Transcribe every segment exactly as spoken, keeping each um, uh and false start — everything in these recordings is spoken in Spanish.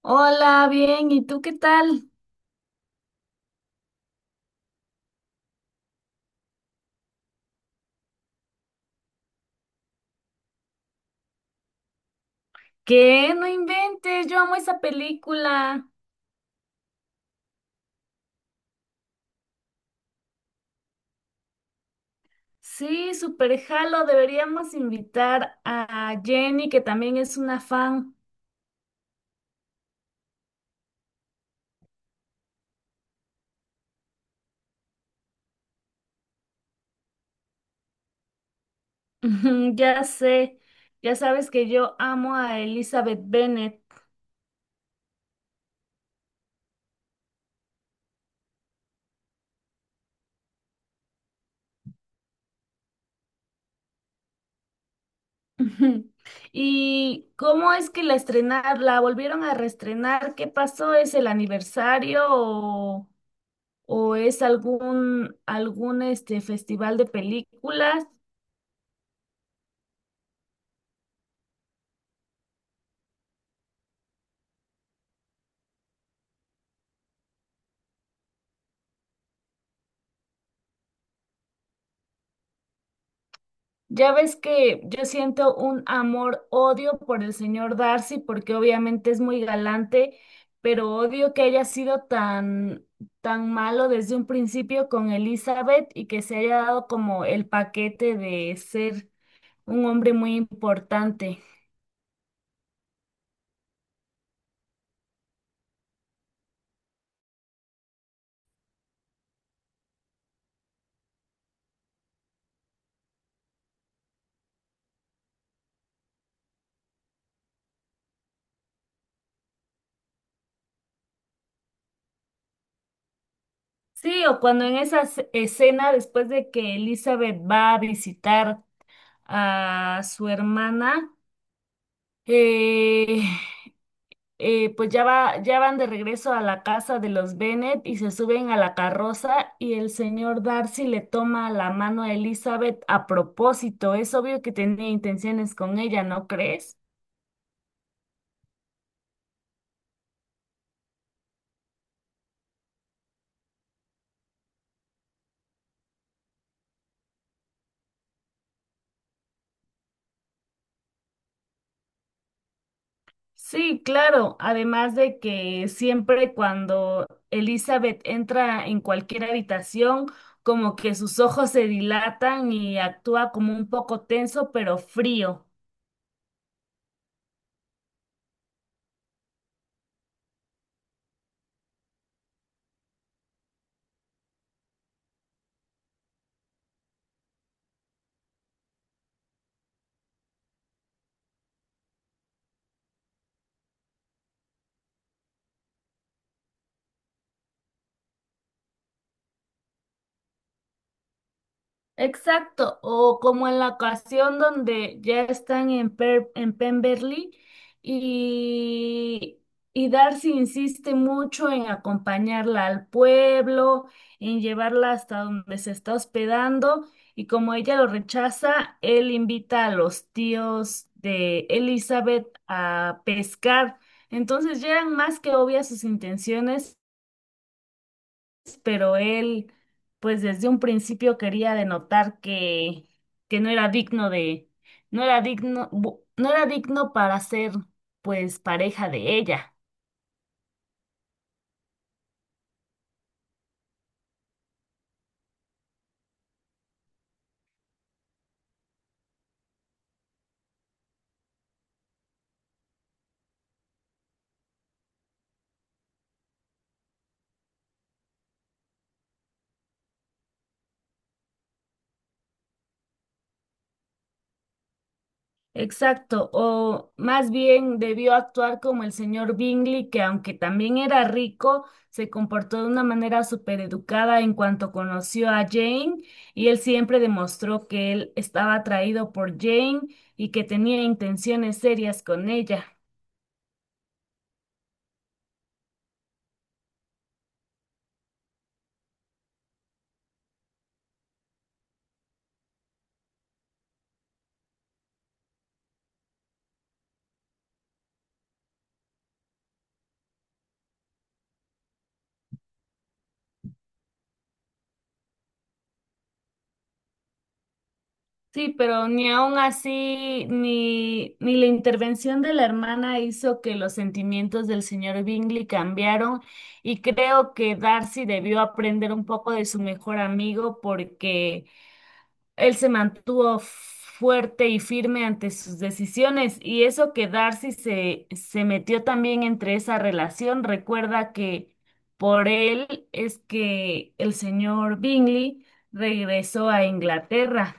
Hola, bien, ¿y tú qué tal? ¿Qué? No inventes, yo amo esa película. Sí, súper jalo, deberíamos invitar a Jenny, que también es una fan. Ujú, ya sé, ya sabes que yo amo a Elizabeth Bennet. Ujú. ¿Y cómo es que la estrenar, la volvieron a reestrenar? ¿Qué pasó? ¿Es el aniversario o, o es algún, algún este, festival de películas? Ya ves que yo siento un amor-odio por el señor Darcy, porque obviamente es muy galante, pero odio que haya sido tan, tan malo desde un principio con Elizabeth y que se haya dado como el paquete de ser un hombre muy importante. Sí, o cuando en esa s- escena, después de que Elizabeth va a visitar a su hermana, eh, eh, pues ya va, ya van de regreso a la casa de los Bennet y se suben a la carroza y el señor Darcy le toma la mano a Elizabeth a propósito. Es obvio que tenía intenciones con ella, ¿no crees? Sí, claro. Además de que siempre cuando Elizabeth entra en cualquier habitación, como que sus ojos se dilatan y actúa como un poco tenso, pero frío. Exacto, o como en la ocasión donde ya están en, Per- en Pemberley y, y Darcy insiste mucho en acompañarla al pueblo, en llevarla hasta donde se está hospedando y como ella lo rechaza, él invita a los tíos de Elizabeth a pescar. Entonces ya eran más que obvias sus intenciones pero él, pues desde un principio quería denotar que, que no era digno de, no era digno, bu- no era digno para ser, pues, pareja de ella. Exacto, o más bien debió actuar como el señor Bingley, que aunque también era rico, se comportó de una manera súper educada en cuanto conoció a Jane, y él siempre demostró que él estaba atraído por Jane y que tenía intenciones serias con ella. Sí, pero ni aun así, ni, ni la intervención de la hermana hizo que los sentimientos del señor Bingley cambiaron y creo que Darcy debió aprender un poco de su mejor amigo porque él se mantuvo fuerte y firme ante sus decisiones y eso que Darcy se, se metió también entre esa relación. Recuerda que por él es que el señor Bingley regresó a Inglaterra.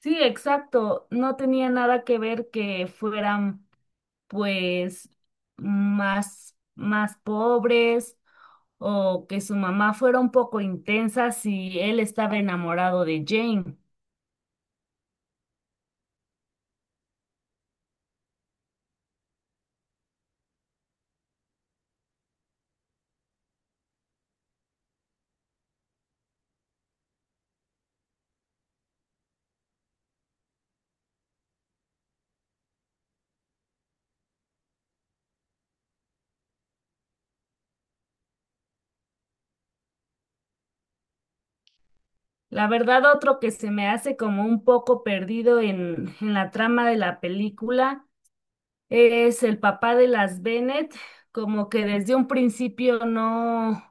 Sí, exacto. No tenía nada que ver que fueran, pues, más, más pobres o que su mamá fuera un poco intensa si él estaba enamorado de Jane. La verdad, otro que se me hace como un poco perdido en, en la trama de la película es el papá de las Bennett, como que desde un principio no,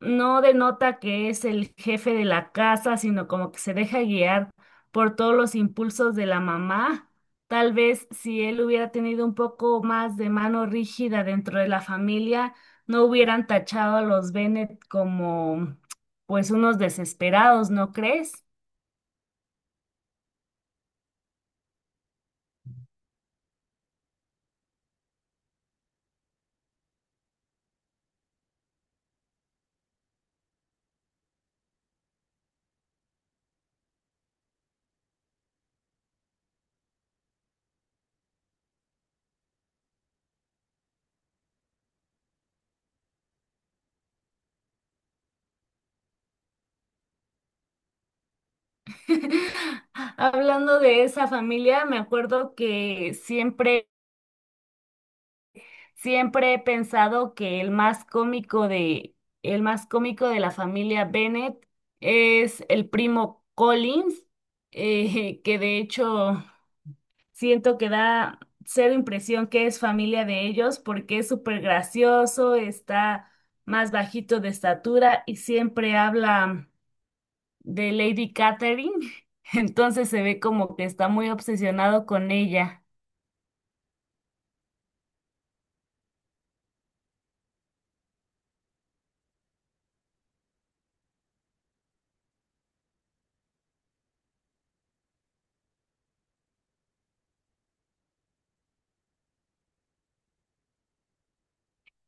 no denota que es el jefe de la casa, sino como que se deja guiar por todos los impulsos de la mamá. Tal vez si él hubiera tenido un poco más de mano rígida dentro de la familia, no hubieran tachado a los Bennett como pues unos desesperados, ¿no crees? Hablando de esa familia, me acuerdo que siempre Siempre he pensado que el más cómico de, el más cómico de la familia Bennett es el primo Collins, eh, que de hecho siento que da cero impresión que es familia de ellos porque es súper gracioso, está más bajito de estatura y siempre habla de Lady Catherine. Entonces se ve como que está muy obsesionado con ella.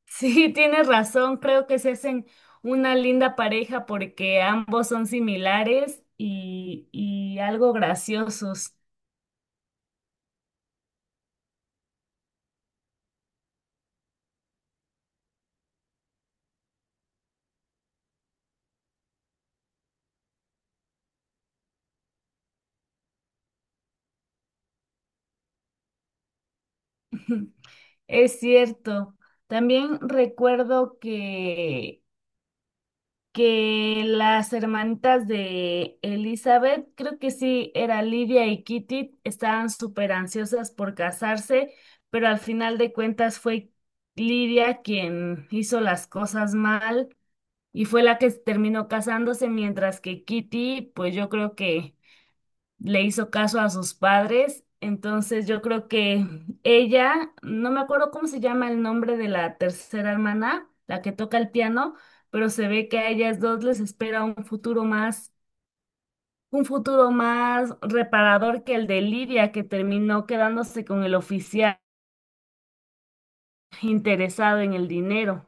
Sí, tienes razón, creo que se hacen una linda pareja porque ambos son similares y, y algo graciosos. Es cierto. También recuerdo que, que las hermanitas de Elizabeth, creo que sí, era Livia y Kitty, estaban súper ansiosas por casarse, pero al final de cuentas fue Livia quien hizo las cosas mal y fue la que terminó casándose, mientras que Kitty, pues yo creo que le hizo caso a sus padres. Entonces yo creo que ella, no me acuerdo cómo se llama el nombre de la tercera hermana, la que toca el piano, pero se ve que a ellas dos les espera un futuro más, un futuro más reparador que el de Lidia, que terminó quedándose con el oficial interesado en el dinero.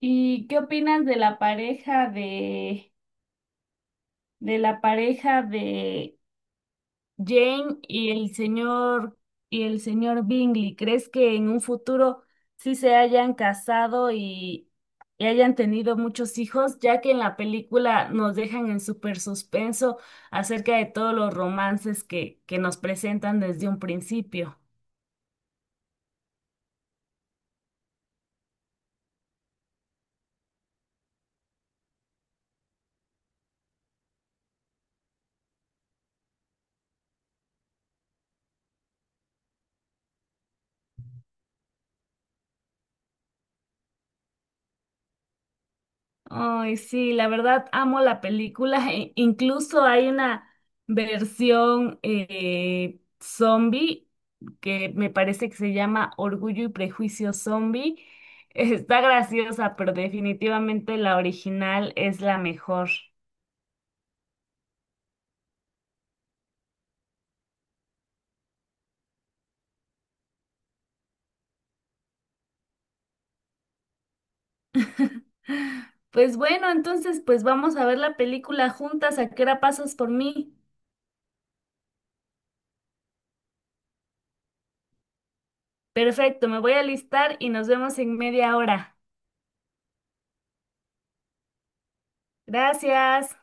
¿Y qué opinas de la pareja de, de la pareja de Jane y el señor y el señor Bingley? ¿Crees que en un futuro sí se hayan casado y, y hayan tenido muchos hijos? Ya que en la película nos dejan en súper suspenso acerca de todos los romances que, que nos presentan desde un principio. Ay, sí, la verdad amo la película. E- incluso hay una versión eh, zombie que me parece que se llama Orgullo y Prejuicio Zombie. Está graciosa, pero definitivamente la original es la mejor. Pues bueno, entonces pues vamos a ver la película juntas. ¿A qué hora pasas por mí? Perfecto, me voy a listar y nos vemos en media hora. Gracias.